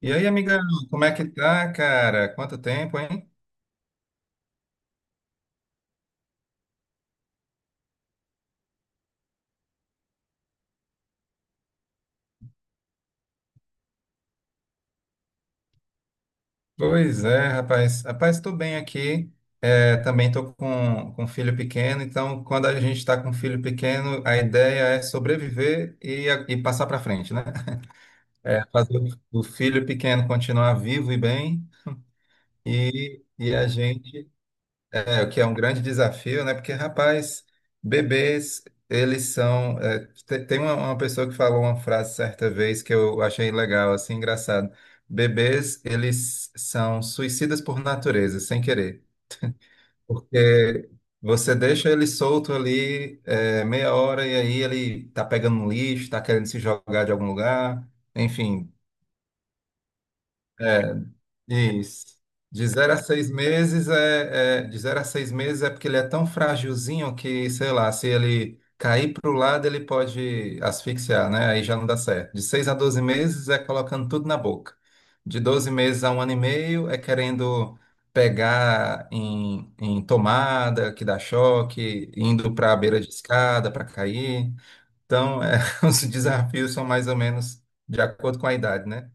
E aí, amigão, como é que tá, cara? Quanto tempo, hein? Pois é, rapaz. Rapaz, tô bem aqui. É, também tô com um filho pequeno, então quando a gente tá com um filho pequeno, a ideia é sobreviver e, e passar pra frente, né? É fazer o filho pequeno continuar vivo e bem e a gente. É o que é um grande desafio, né? Porque, rapaz, bebês, eles são. É, te- tem uma pessoa que falou uma frase certa vez que eu achei legal, assim, engraçado. Bebês, eles são suicidas por natureza, sem querer. Porque você deixa ele solto ali, meia hora, e aí ele tá pegando um lixo, tá querendo se jogar de algum lugar, enfim. é, Isso. De zero a seis meses é porque ele é tão frágilzinho que, sei lá, se ele cair para o lado, ele pode asfixiar, né? Aí já não dá certo. De seis a 12 meses é colocando tudo na boca. De 12 meses a um ano e meio é querendo pegar em tomada, que dá choque, indo para a beira de escada para cair. Então, os desafios são mais ou menos de acordo com a idade, né?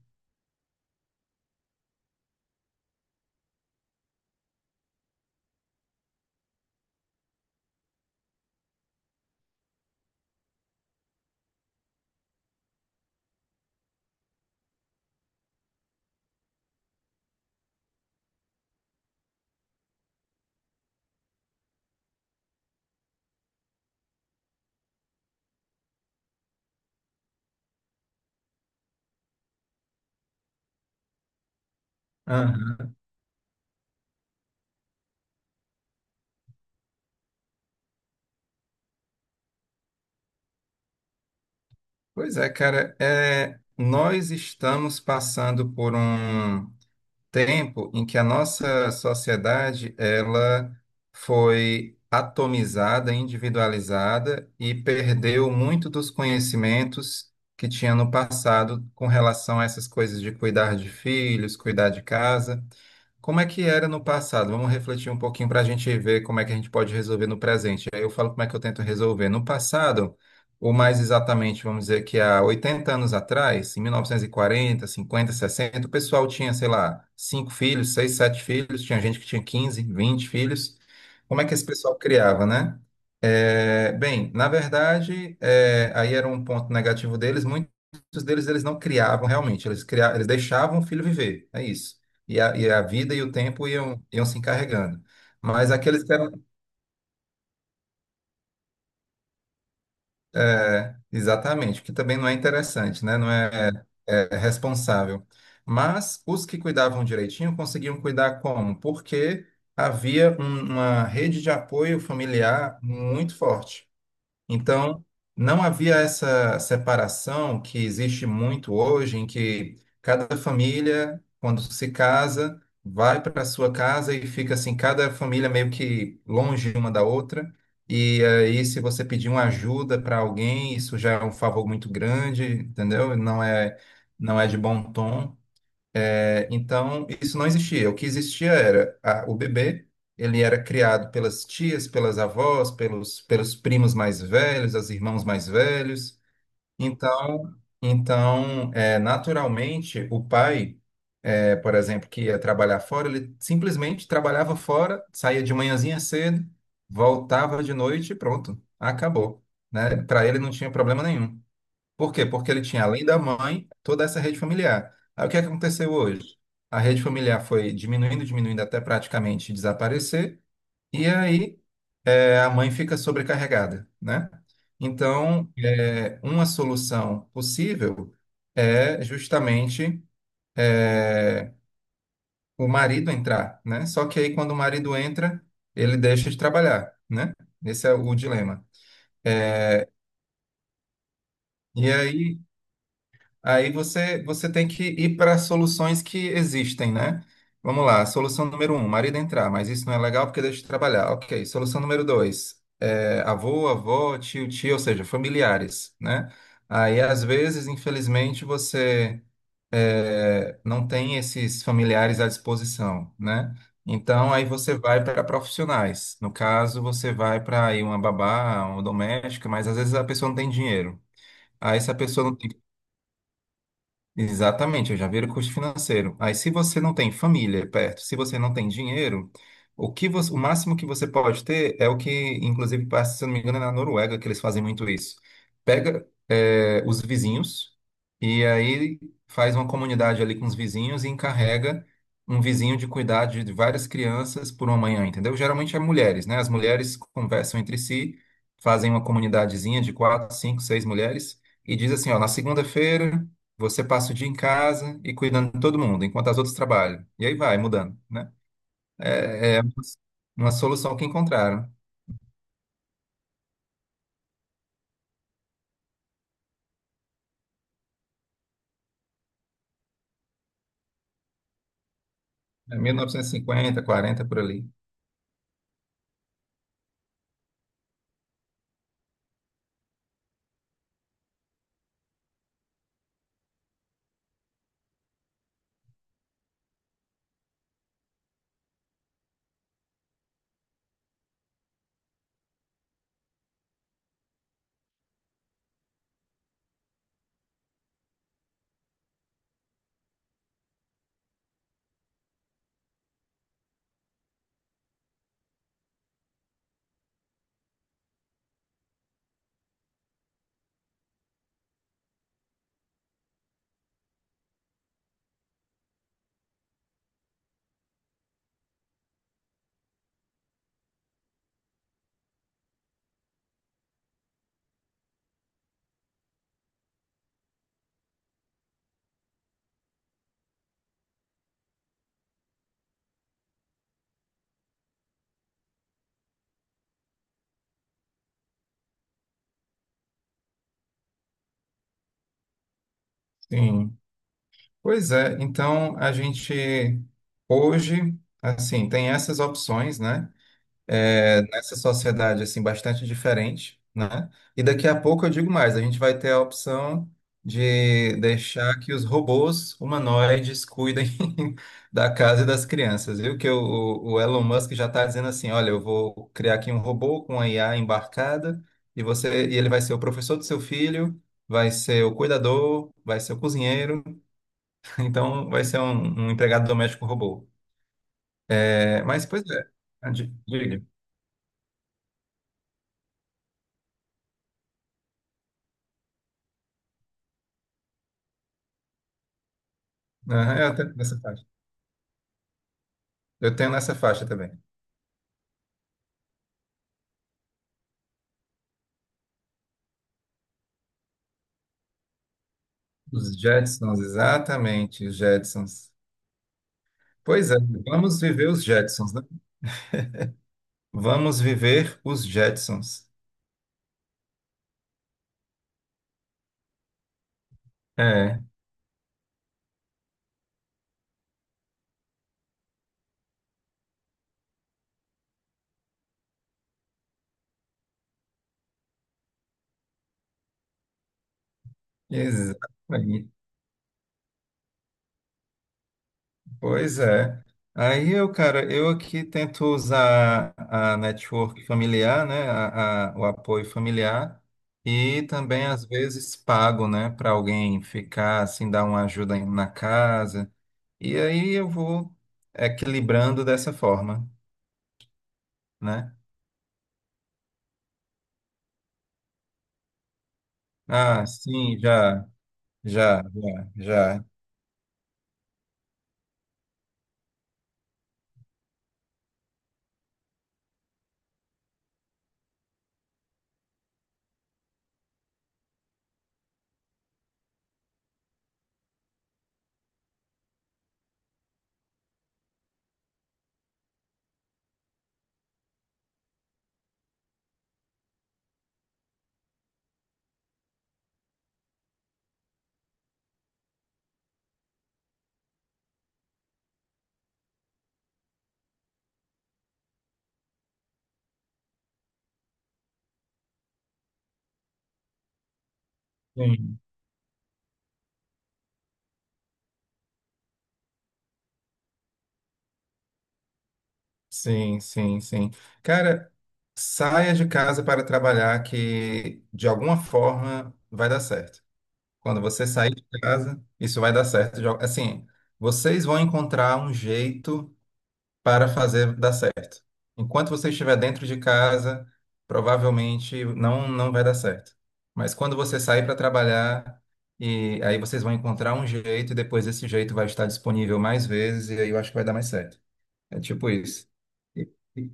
Pois é, cara, é, nós estamos passando por um tempo em que a nossa sociedade ela foi atomizada, individualizada e perdeu muito dos conhecimentos que tinha no passado com relação a essas coisas de cuidar de filhos, cuidar de casa. Como é que era no passado? Vamos refletir um pouquinho para a gente ver como é que a gente pode resolver no presente. Aí eu falo como é que eu tento resolver. No passado, ou mais exatamente, vamos dizer que há 80 anos atrás, em 1940, 50, 60, o pessoal tinha, sei lá, cinco filhos, seis, sete filhos, tinha gente que tinha 15, 20 filhos. Como é que esse pessoal criava, né? É, bem, na verdade, é, aí era um ponto negativo deles, muitos deles eles não criavam realmente, eles criavam, eles deixavam o filho viver, é isso e a vida e o tempo iam se encarregando. Mas aqueles que eram. É, exatamente, que também não é interessante, né? Não é, é responsável. Mas os que cuidavam direitinho conseguiam cuidar como? Porque havia uma rede de apoio familiar muito forte. Então, não havia essa separação que existe muito hoje, em que cada família, quando se casa, vai para a sua casa e fica assim, cada família meio que longe uma da outra. E aí, se você pedir uma ajuda para alguém, isso já é um favor muito grande, entendeu? Não é de bom tom. É, então, isso não existia. O que existia era o bebê, ele era criado pelas tias, pelas avós, pelos primos mais velhos, as irmãos mais velhos. Então, então, é, naturalmente, o pai, é, por exemplo, que ia trabalhar fora, ele simplesmente trabalhava fora, saía de manhãzinha cedo, voltava de noite e pronto, acabou, né? Para ele não tinha problema nenhum. Por quê? Porque ele tinha, além da mãe, toda essa rede familiar. Aí o que é que aconteceu hoje? A rede familiar foi diminuindo, diminuindo até praticamente desaparecer, e aí é, a mãe fica sobrecarregada, né? Então, é, uma solução possível é justamente é, o marido entrar, né? Só que aí quando o marido entra, ele deixa de trabalhar, né? Esse é o dilema. E aí aí você, você tem que ir para soluções que existem, né? Vamos lá, solução número um, marido entrar, mas isso não é legal porque deixa de trabalhar. Ok, solução número dois, é, avô, avó, tio, tia, ou seja, familiares, né? Aí, às vezes, infelizmente, você é, não tem esses familiares à disposição, né? Então, aí você vai para profissionais. No caso, você vai para aí uma babá, uma doméstica, mas às vezes a pessoa não tem dinheiro. Aí, se a pessoa não tem exatamente, eu já vi o custo financeiro. Aí, se você não tem família perto, se você não tem dinheiro, o que você, o máximo que você pode ter é o que, inclusive, passa, se eu não me engano, é na Noruega que eles fazem muito isso. Pega, os vizinhos e aí faz uma comunidade ali com os vizinhos e encarrega um vizinho de cuidar de várias crianças por uma manhã, entendeu? Geralmente é mulheres, né? As mulheres conversam entre si, fazem uma comunidadezinha de quatro, cinco, seis mulheres e diz assim, ó, na segunda-feira. Você passa o dia em casa e cuidando de todo mundo, enquanto as outras trabalham. E aí vai mudando, né? É uma solução que encontraram. É mil novecentos e cinquenta, quarenta por ali. Sim. Pois é, então a gente hoje, assim, tem essas opções, né? É, nessa sociedade assim bastante diferente, né? E daqui a pouco eu digo mais, a gente vai ter a opção de deixar que os robôs humanoides cuidem da casa e das crianças, viu? Que o Elon Musk já está dizendo assim, olha, eu vou criar aqui um robô com a IA embarcada e você e ele vai ser o professor do seu filho, vai ser o cuidador, vai ser o cozinheiro, então vai ser um empregado doméstico robô. É, mas pois é, ah, diga. Aham, eu tenho nessa faixa também. Os Jetsons, exatamente, os Jetsons. Pois é, vamos viver os Jetsons, né? Vamos viver os Jetsons. É, exatamente. Pois é. Aí eu, cara, eu aqui tento usar a network familiar, né? O apoio familiar. E também, às vezes, pago, né? Para alguém ficar, assim, dar uma ajuda na casa. E aí eu vou equilibrando dessa forma, né? Ah, sim, já, já. Sim, sim, sim. Cara, saia de casa para trabalhar que de alguma forma vai dar certo. Quando você sair de casa, isso vai dar certo. Assim, vocês vão encontrar um jeito para fazer dar certo. Enquanto você estiver dentro de casa, provavelmente não vai dar certo. Mas quando você sair para trabalhar, e aí vocês vão encontrar um jeito, e depois esse jeito vai estar disponível mais vezes, e aí eu acho que vai dar mais certo. É tipo isso. E- e-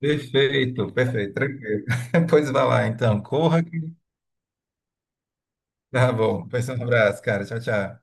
Perfeito, perfeito, tranquilo. Pois vai lá, então. Corra que... Tá bom. Pois um abraço, cara. Tchau, tchau.